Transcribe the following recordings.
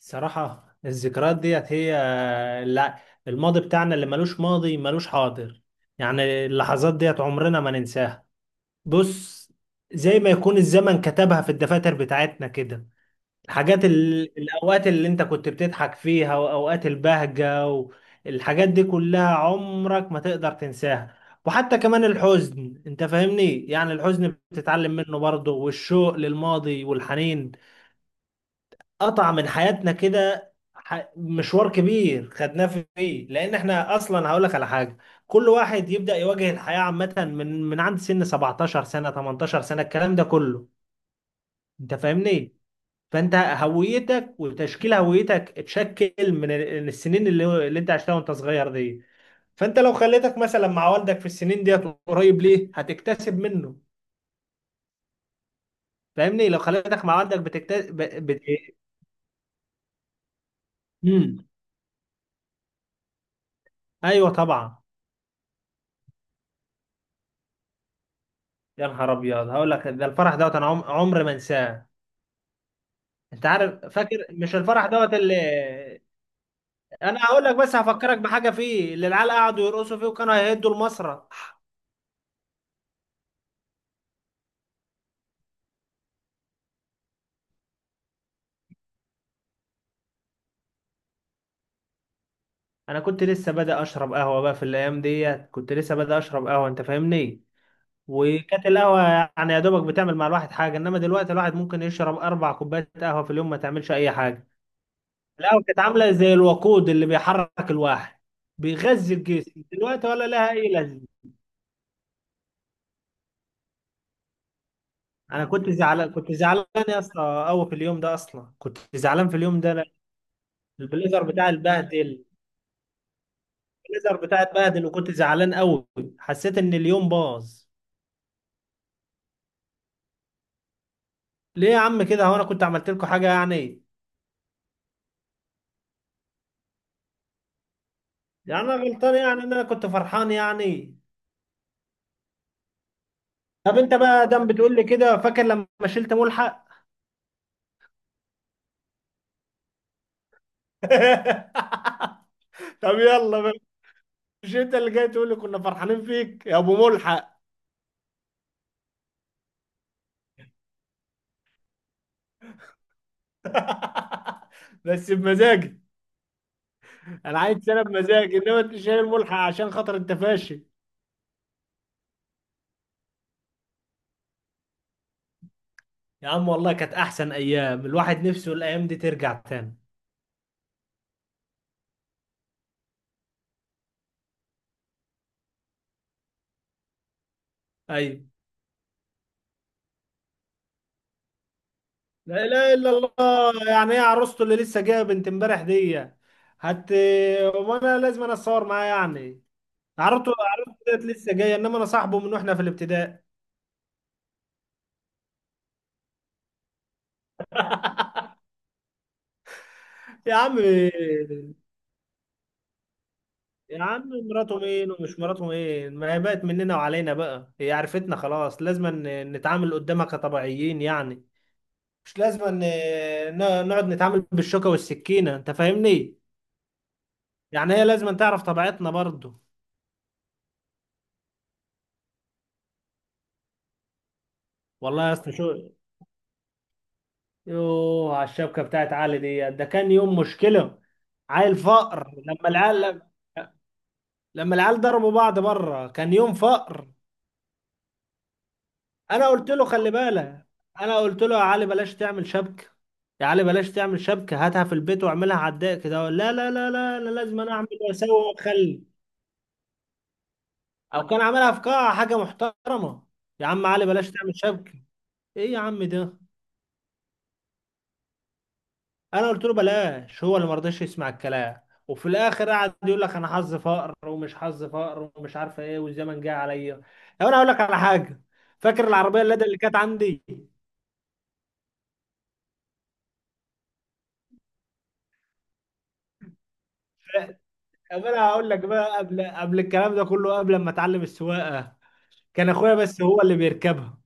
صراحة الذكريات ديت هي. لا، الماضي بتاعنا اللي ملوش ماضي ملوش حاضر، يعني اللحظات ديت عمرنا ما ننساها. بص، زي ما يكون الزمن كتبها في الدفاتر بتاعتنا كده. الحاجات الأوقات اللي انت كنت بتضحك فيها وأوقات البهجة، والحاجات دي كلها عمرك ما تقدر تنساها. وحتى كمان الحزن، انت فاهمني، يعني الحزن بتتعلم منه برضه، والشوق للماضي والحنين قطع من حياتنا كده. مشوار كبير خدناه فيه، لان احنا اصلا هقول لك على حاجه. كل واحد يبدا يواجه الحياه عامه من عند سن 17 سنه 18 سنه الكلام ده كله، انت فاهمني. فانت هويتك وتشكيل هويتك اتشكل من السنين اللي انت عشتها وانت صغير دي. فانت لو خليتك مثلا مع والدك في السنين ديت، قريب ليه هتكتسب منه. فاهمني؟ لو خليتك مع والدك بتكتسب إيه؟ مم. ايوه طبعا. يا نهار ابيض، هقول لك ده الفرح دوت انا عمري ما انساه. انت عارف، فاكر مش الفرح دوت اللي انا هقول لك؟ بس هفكرك بحاجه فيه، اللي العيال قعدوا يرقصوا فيه وكانوا هيهدوا المسرح. انا كنت لسه بادئ اشرب قهوه بقى في الايام ديت، كنت لسه بادئ اشرب قهوه، انت فاهمني. وكانت القهوه يعني يا دوبك بتعمل مع الواحد حاجه، انما دلوقتي الواحد ممكن يشرب اربع كوبايات قهوه في اليوم ما تعملش اي حاجه. القهوه كانت عامله زي الوقود اللي بيحرك الواحد، بيغذي الجسم. دلوقتي ولا لها اي لازمه. انا كنت زعلان، كنت زعلان يا اسطى قوي في اليوم ده، اصلا كنت زعلان في اليوم ده لأن البليزر بتاع البهدل. البليزر بتاع البهدل، وكنت زعلان قوي، حسيت ان اليوم باظ. ليه يا عم كده؟ هو انا كنت عملت لكم حاجه يعني؟ يعني انا غلطان يعني ان انا كنت فرحان يعني؟ طب انت بقى دم بتقول لي كده؟ فاكر لما شلت ملحق؟ طب يلا بقى. مش انت اللي جاي تقول لي كنا فرحانين فيك يا ابو ملحق؟ بس بمزاجك. انا عايز سنه بمزاج، انما انت شايل ملحق عشان خاطر انت فاشل. يا عم والله كانت احسن ايام، الواحد نفسه الايام دي ترجع تاني. ايوه. لا اله الا الله، يعني ايه عروسته اللي لسه جايه بنت امبارح دي؟ هت، وانا لازم انا اتصور معاه يعني؟ عروسته عروسته ديت لسه جايه، انما انا صاحبه من واحنا في الابتدائي. يا عم، يا عم مراته مين ومش مراته مين؟ ما هي بقت مننا وعلينا بقى، هي عرفتنا خلاص، لازم نتعامل قدامها كطبيعيين يعني، مش لازم ان نقعد نتعامل بالشوكة والسكينة، انت فاهمني. يعني هي لازم تعرف طبيعتنا برضو. والله يا اسطى شو. يوه، على الشبكة بتاعت علي دي، ده كان يوم مشكلة. عيل فقر لما العيال، لما العيال ضربوا بعض بره، كان يوم فقر. انا قلت له خلي بالك، انا قلت له يا علي بلاش تعمل شبكة، يا علي بلاش تعمل شبكة، هاتها في البيت واعملها على الضيق كده. لا لا لا لا، انا لازم انا اعمل واسوي واخلي. او كان عاملها في قاعة حاجة محترمة. يا عم علي بلاش تعمل شبكة. ايه يا عم ده! انا قلت له بلاش، هو اللي ما رضاش يسمع الكلام. وفي الاخر قعد يقول لك انا حظ فقر ومش حظ فقر ومش عارفه ايه والزمن جه عليا. طب انا هقول لك على حاجه، فاكر العربيه اللي كانت عندي؟ طب انا هقول لك بقى، قبل الكلام ده كله، قبل ما اتعلم السواقه كان اخويا بس هو اللي بيركبها.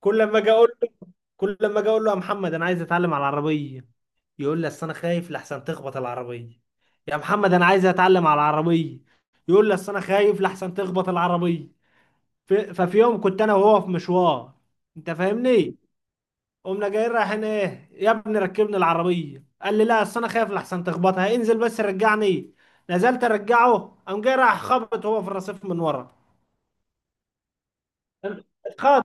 كل لما اجي اقول له، يا محمد انا عايز اتعلم على العربيه، يقول لي اصل انا خايف لحسن تخبط العربيه. يا محمد انا عايز اتعلم على العربيه، يقول لي اصل انا خايف لحسن تخبط العربيه. ففي يوم كنت انا وهو في مشوار، انت فاهمني، قمنا جايين رايحين ايه، يا ابني ركبني العربيه. قال لي لا، اصل انا خايف لحسن تخبطها، انزل بس رجعني. نزلت ارجعه، قام جاي راح خبط هو في الرصيف من ورا. اتخبط،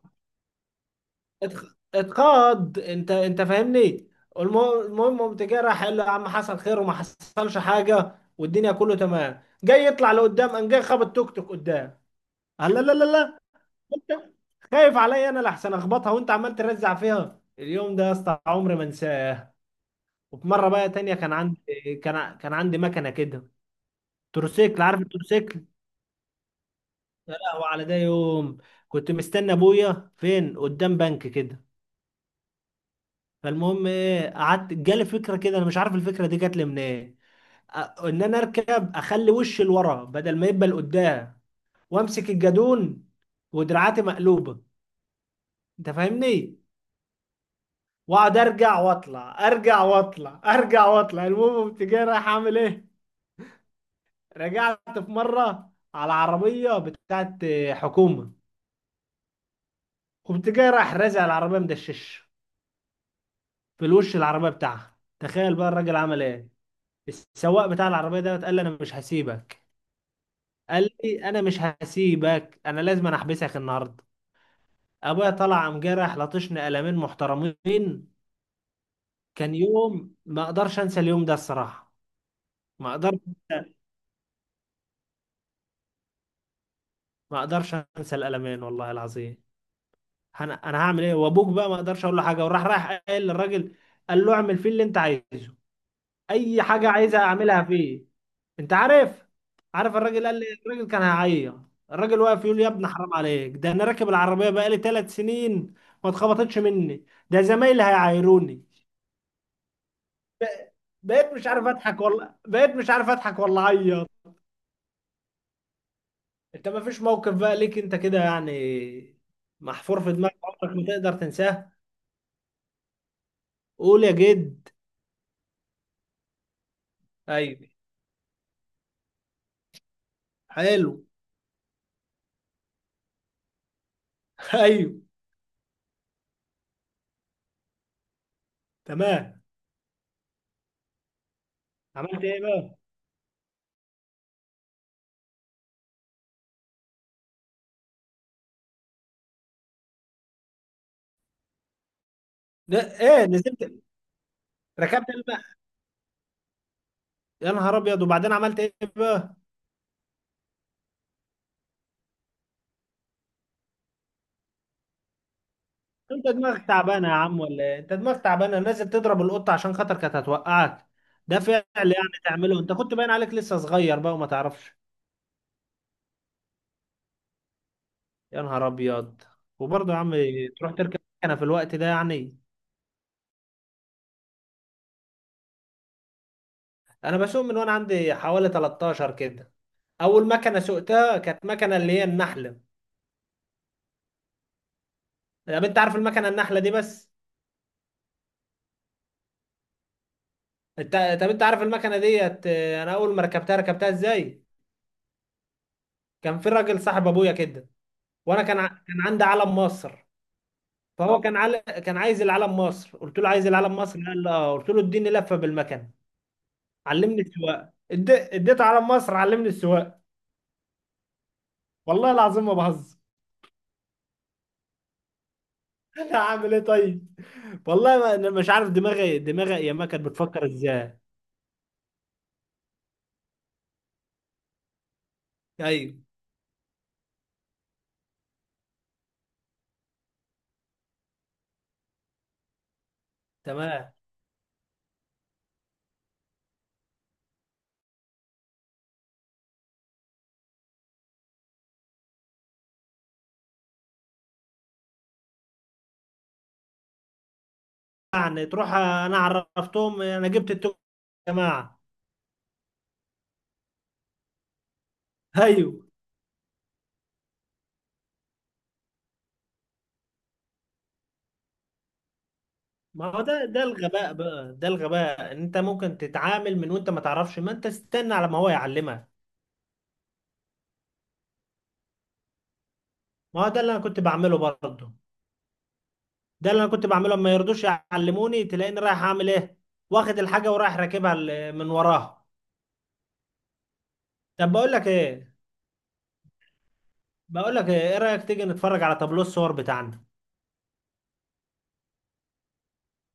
اتقاد، انت انت فاهمني. والم- المهم قمت جاي، راح قال له يا عم حصل خير وما حصلش حاجه والدنيا كله تمام. جاي يطلع لقدام، قام جاي خبط توك توك قدام. قال لا لا لا لا. انت خايف عليا انا لحسن اخبطها، وانت عمال ترزع فيها؟ اليوم ده يا اسطى عمري ما انساه. وفي مره بقى تانية كان عندي، كان عندي مكنه كده، تروسيكل، عارف التروسيكل؟ يا لهوي على ده يوم. كنت مستني ابويا فين قدام بنك كده. فالمهم ايه، قعدت جالي فكره كده، انا مش عارف الفكره دي جات لي منين. أ- ان انا اركب اخلي وشي لورا بدل ما يبقى لقدام، وامسك الجادون ودراعاتي مقلوبه، انت فاهمني. واقعد ارجع واطلع، ارجع واطلع، ارجع واطلع. المهم كنت جاي رايح اعمل ايه، رجعت في مره على عربيه بتاعت حكومه. كنت جاي رايح رازع العربيه مدشش في الوش العربيه بتاعها. تخيل بقى الراجل عمل ايه. السواق بتاع العربيه ده قال لي انا مش هسيبك، قال لي انا مش هسيبك، انا لازم أنا احبسك النهارده. ابويا طلع قام جرح، لطشني قلمين محترمين. كان يوم ما اقدرش انسى اليوم ده الصراحه. ما اقدرش، انسى القلمين والله العظيم. انا هعمل ايه وابوك بقى؟ ما اقدرش اقول له حاجه، وراح رايح قايل للراجل، قال له اعمل فيه اللي انت عايزه، اي حاجه عايزها اعملها فيه. انت عارف الراجل قال لي، الراجل كان هيعيط، الراجل واقف يقول لي يا ابني حرام عليك، ده انا راكب العربيه بقالي ثلاث سنين ما اتخبطتش مني، ده زمايلي هيعايروني. بقيت مش عارف اضحك، ولا اعيط. انت ما فيش موقف بقى ليك انت كده يعني، محفور في دماغك عمرك ما تقدر تنساه. قول يا جد. ايوه، حلو. ايوه، تمام. عملت ايه بقى؟ لا ايه، نزلت، ركبت. يا نهار ابيض، وبعدين عملت ايه بقى؟ انت دماغك تعبانه يا عم ولا ايه؟ انت دماغك تعبانه، نازل تضرب القطه عشان خاطر كانت هتوقعك؟ ده فعل يعني تعمله انت؟ كنت باين عليك لسه صغير بقى وما تعرفش. يا نهار ابيض. وبرضه يا عم تروح تركب مكنه في الوقت ده يعني؟ انا بسوق من وانا عندي حوالي 13 كده. اول مكنه سوقتها كانت مكنه اللي هي النحله. طب انت عارف المكنه النحله دي بس؟ انت طب انت عارف المكنه ديت، اه، انا اول ما ركبتها ركبتها ازاي؟ كان في راجل صاحب ابويا كده، وانا كان عندي علم مصر. فهو كان كان عايز العلم مصر، قلت له عايز العلم مصر، قال لي اه، قلت له اديني لفه بالمكان علمني السواقه. اديته علم مصر علمني السواقه. والله العظيم ما بهزر. انا هعمل ايه طيب، والله ما... انا مش عارف دماغي يا ما كانت بتفكر ازاي. ايوه، تمام. يعني تروح انا عرفتهم انا جبت التوك يا جماعه. ايوه. ما هو ده الغباء بقى، ده الغباء. انت ممكن تتعامل من وانت ما تعرفش؟ ما انت استنى على ما هو يعلمك. ما هو ده اللي انا كنت بعمله برضه، ده اللي انا كنت بعمله، ما يرضوش يعلموني، تلاقيني رايح اعمل ايه، واخد الحاجه ورايح راكبها من وراها. طب بقول لك ايه بقول لك ايه، إيه رايك تيجي نتفرج على تابلو الصور بتاعنا؟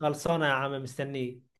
خلصانه يا عم، مستنيك.